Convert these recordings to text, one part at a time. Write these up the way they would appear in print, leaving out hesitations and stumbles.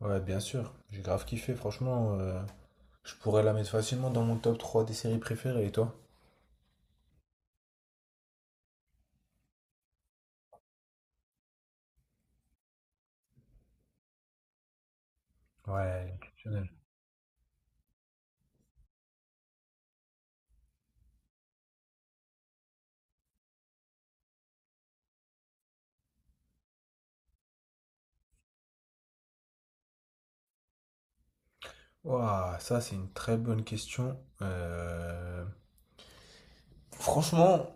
Ouais, bien sûr. J'ai grave kiffé, franchement. Je pourrais la mettre facilement dans mon top 3 des séries préférées, et toi? Ouais, exceptionnel. Ouah, ça c'est une très bonne question. Franchement,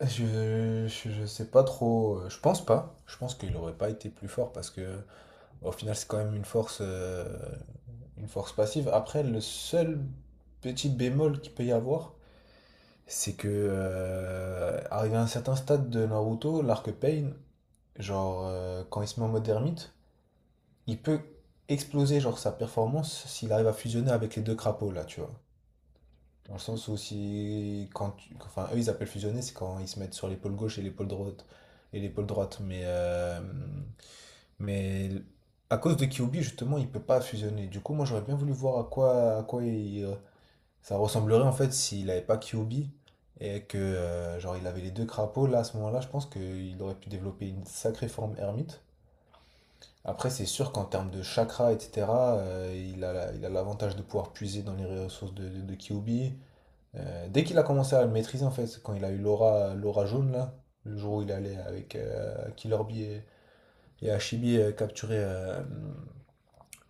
je sais pas trop. Je pense pas. Je pense qu'il aurait pas été plus fort parce que au final c'est quand même une force passive. Après, le seul petit bémol qu'il peut y avoir, c'est que arrivé à un certain stade de Naruto, l'arc Pain, genre, quand il se met en mode ermite, il peut exploser, genre sa performance s'il arrive à fusionner avec les deux crapauds là, tu vois. Dans le sens où si quand tu- enfin eux ils appellent fusionner, c'est quand ils se mettent sur l'épaule gauche et l'épaule droite, mais à cause de Kyuubi justement, il peut pas fusionner. Du coup, moi j'aurais bien voulu voir à quoi il, ça ressemblerait en fait s'il avait pas Kyuubi et que genre il avait les deux crapauds là à ce moment-là, je pense qu'il aurait pu développer une sacrée forme ermite. Après, c'est sûr qu'en termes de chakra, etc., il a, il a l'avantage de pouvoir puiser dans les ressources de Kyuubi. Dès qu'il a commencé à le maîtriser, en fait, c'est quand il a eu l'aura jaune, là, le jour où il allait avec Killer Bee et Hashibi capturer,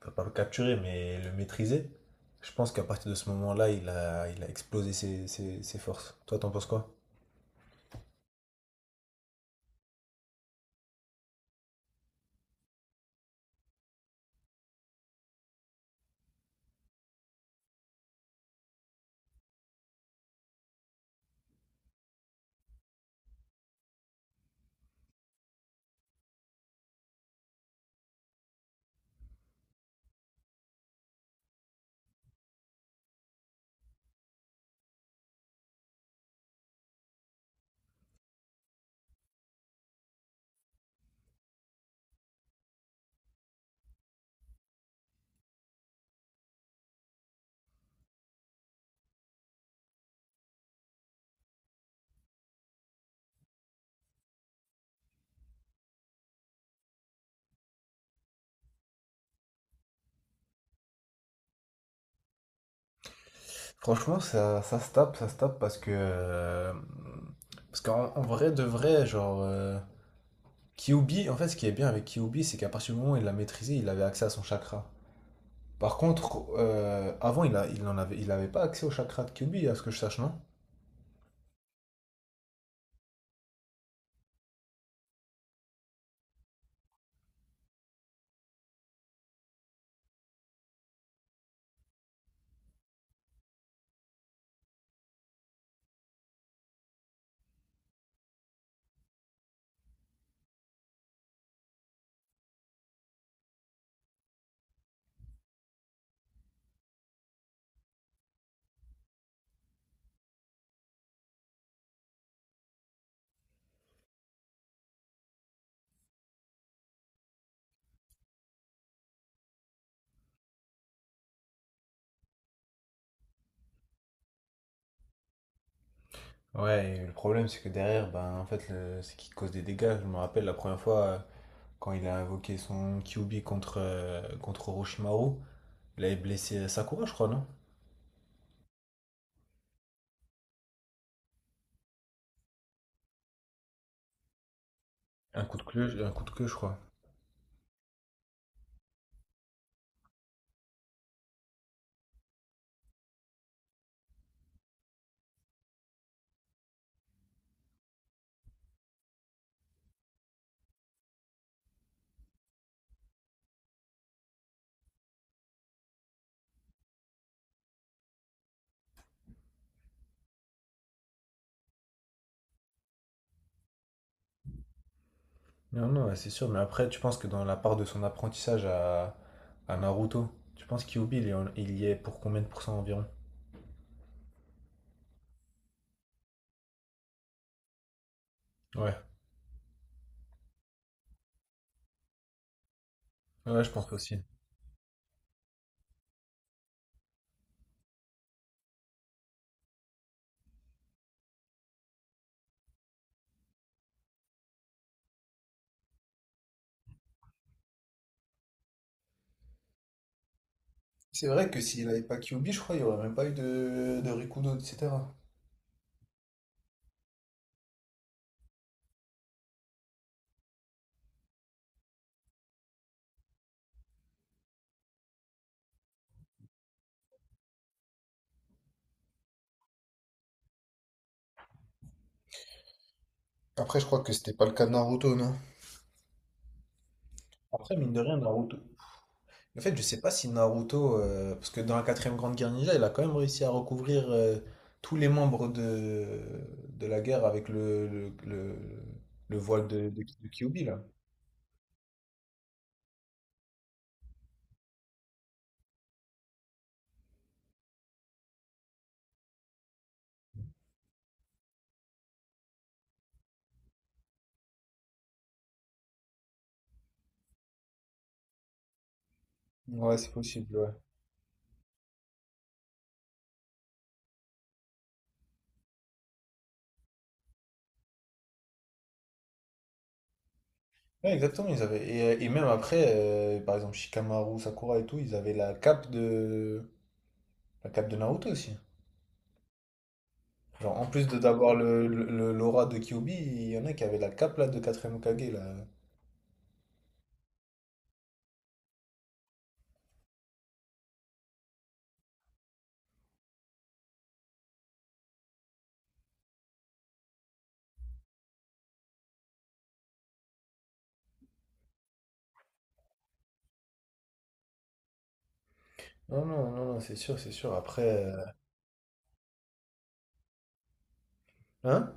enfin, pas le capturer, mais le maîtriser, je pense qu'à partir de ce moment-là, il a explosé ses forces. Toi, t'en penses quoi? Franchement, ça se tape parce que. Parce qu'en en vrai, de vrai, genre. Kyubi, en fait, ce qui est bien avec Kyubi, c'est qu'à partir du moment où il l'a maîtrisé, il avait accès à son chakra. Par contre, avant, il a, il en avait, il avait pas accès au chakra de Kyubi, à ce que je sache, non? Ouais, et le problème, c'est que derrière, ben, en fait, c'est qu'il cause des dégâts. Je me rappelle la première fois, quand il a invoqué son Kyubi contre, contre Orochimaru, il avait blessé Sakura, je crois, non? Un coup de queue, je crois. Non, non, ouais, c'est sûr, mais après, tu penses que dans la part de son apprentissage à Naruto, tu penses que Kyubi, il y est pour combien de pourcents environ? Ouais. Ouais, je pense aussi. C'est vrai que s'il n'avait pas Kyuubi, je crois, il n'y aurait même pas eu de Rikudo, etc. Après, je crois que c'était pas le cas de Naruto, non? Après, mine de rien, Naruto. En fait, je sais pas si Naruto, parce que dans la quatrième grande guerre ninja, il a quand même réussi à recouvrir tous les membres de la guerre avec le voile de Kyuubi, là. Ouais, c'est possible, ouais. Ouais, exactement, ils avaient. Et même après, par exemple, Shikamaru, Sakura et tout, ils avaient la cape de Naruto aussi. Genre, en plus de d'avoir l'aura de Kyuubi, il y en a qui avaient la cape là, de 4ème Hokage. Là. Non, non, non, non, c'est sûr, c'est sûr. Après. Hein?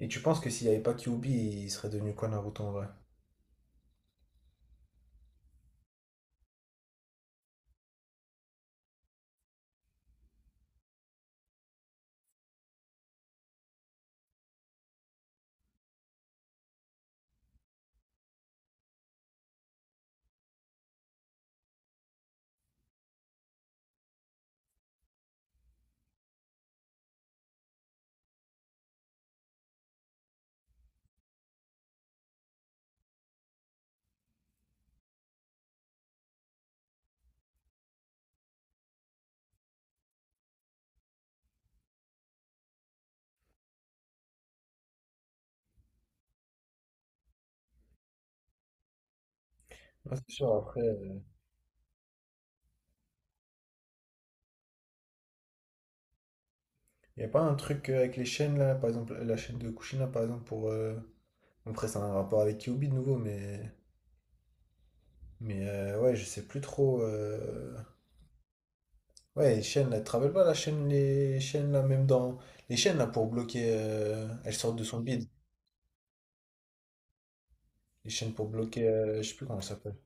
Et tu penses que s'il n'y avait pas Kyuubi, il serait devenu quoi Naruto en vrai? Non, c'est sûr, après. Il n'y a pas un truc avec les chaînes là, par exemple, la chaîne de Kushina par exemple, pour. Après, c'est un rapport avec Kyuubi de nouveau, mais. Mais ouais, je sais plus trop. Ouais, les chaînes là, tu te rappelles pas la chaîne, les chaînes là, même dans. Les chaînes là pour bloquer. Elles sortent de son bide. Les chaînes pour bloquer. Je sais plus comment ça s'appelle.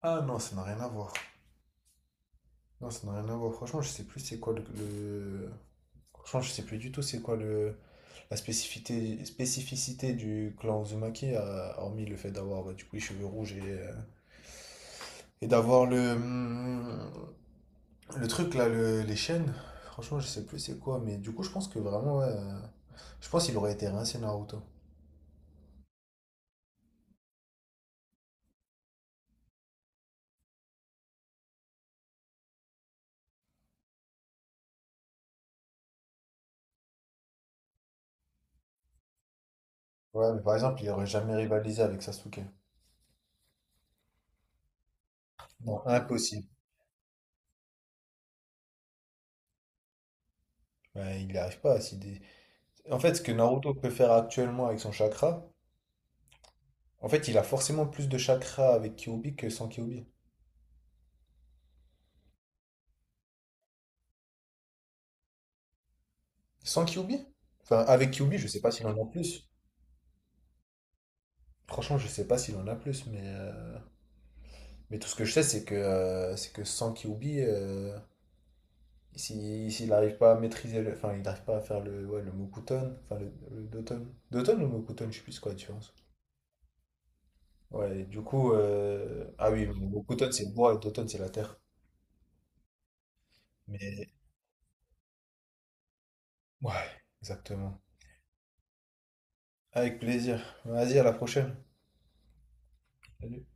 Ah non, ça n'a rien à voir. Non, ça n'a rien à voir. Franchement, je sais plus c'est quoi le. Franchement, je sais plus du tout c'est quoi le... spécificité du clan Uzumaki, hormis le fait d'avoir bah, du coup les cheveux rouges et d'avoir le truc là, les chaînes. Franchement, je sais plus c'est quoi, mais du coup, je pense que vraiment, ouais, je pense qu'il aurait été rincé Naruto. Ouais, mais par exemple, il aurait jamais rivalisé avec Sasuke. Non, impossible. Ouais, il n'y arrive pas à s'y dé- en fait, ce que Naruto peut faire actuellement avec son chakra, en fait, il a forcément plus de chakras avec Kyuubi que sans Kyuubi. Sans Kyuubi? Enfin, avec Kyuubi, je sais pas s'il en a plus. Franchement, je sais pas s'il en a plus, mais tout ce que je sais, c'est que sans Kyuubi, s'il n'arrive pas à maîtriser le. Enfin, il n'arrive pas à faire le, ouais, le Mokuton, enfin le Doton. Doton ou Mokuton, je sais plus quoi la différence. Ouais, du coup, ah oui, Mokuton c'est le bois et Doton c'est la terre. Mais ouais, exactement. Avec plaisir. Vas-y, à la prochaine. Salut.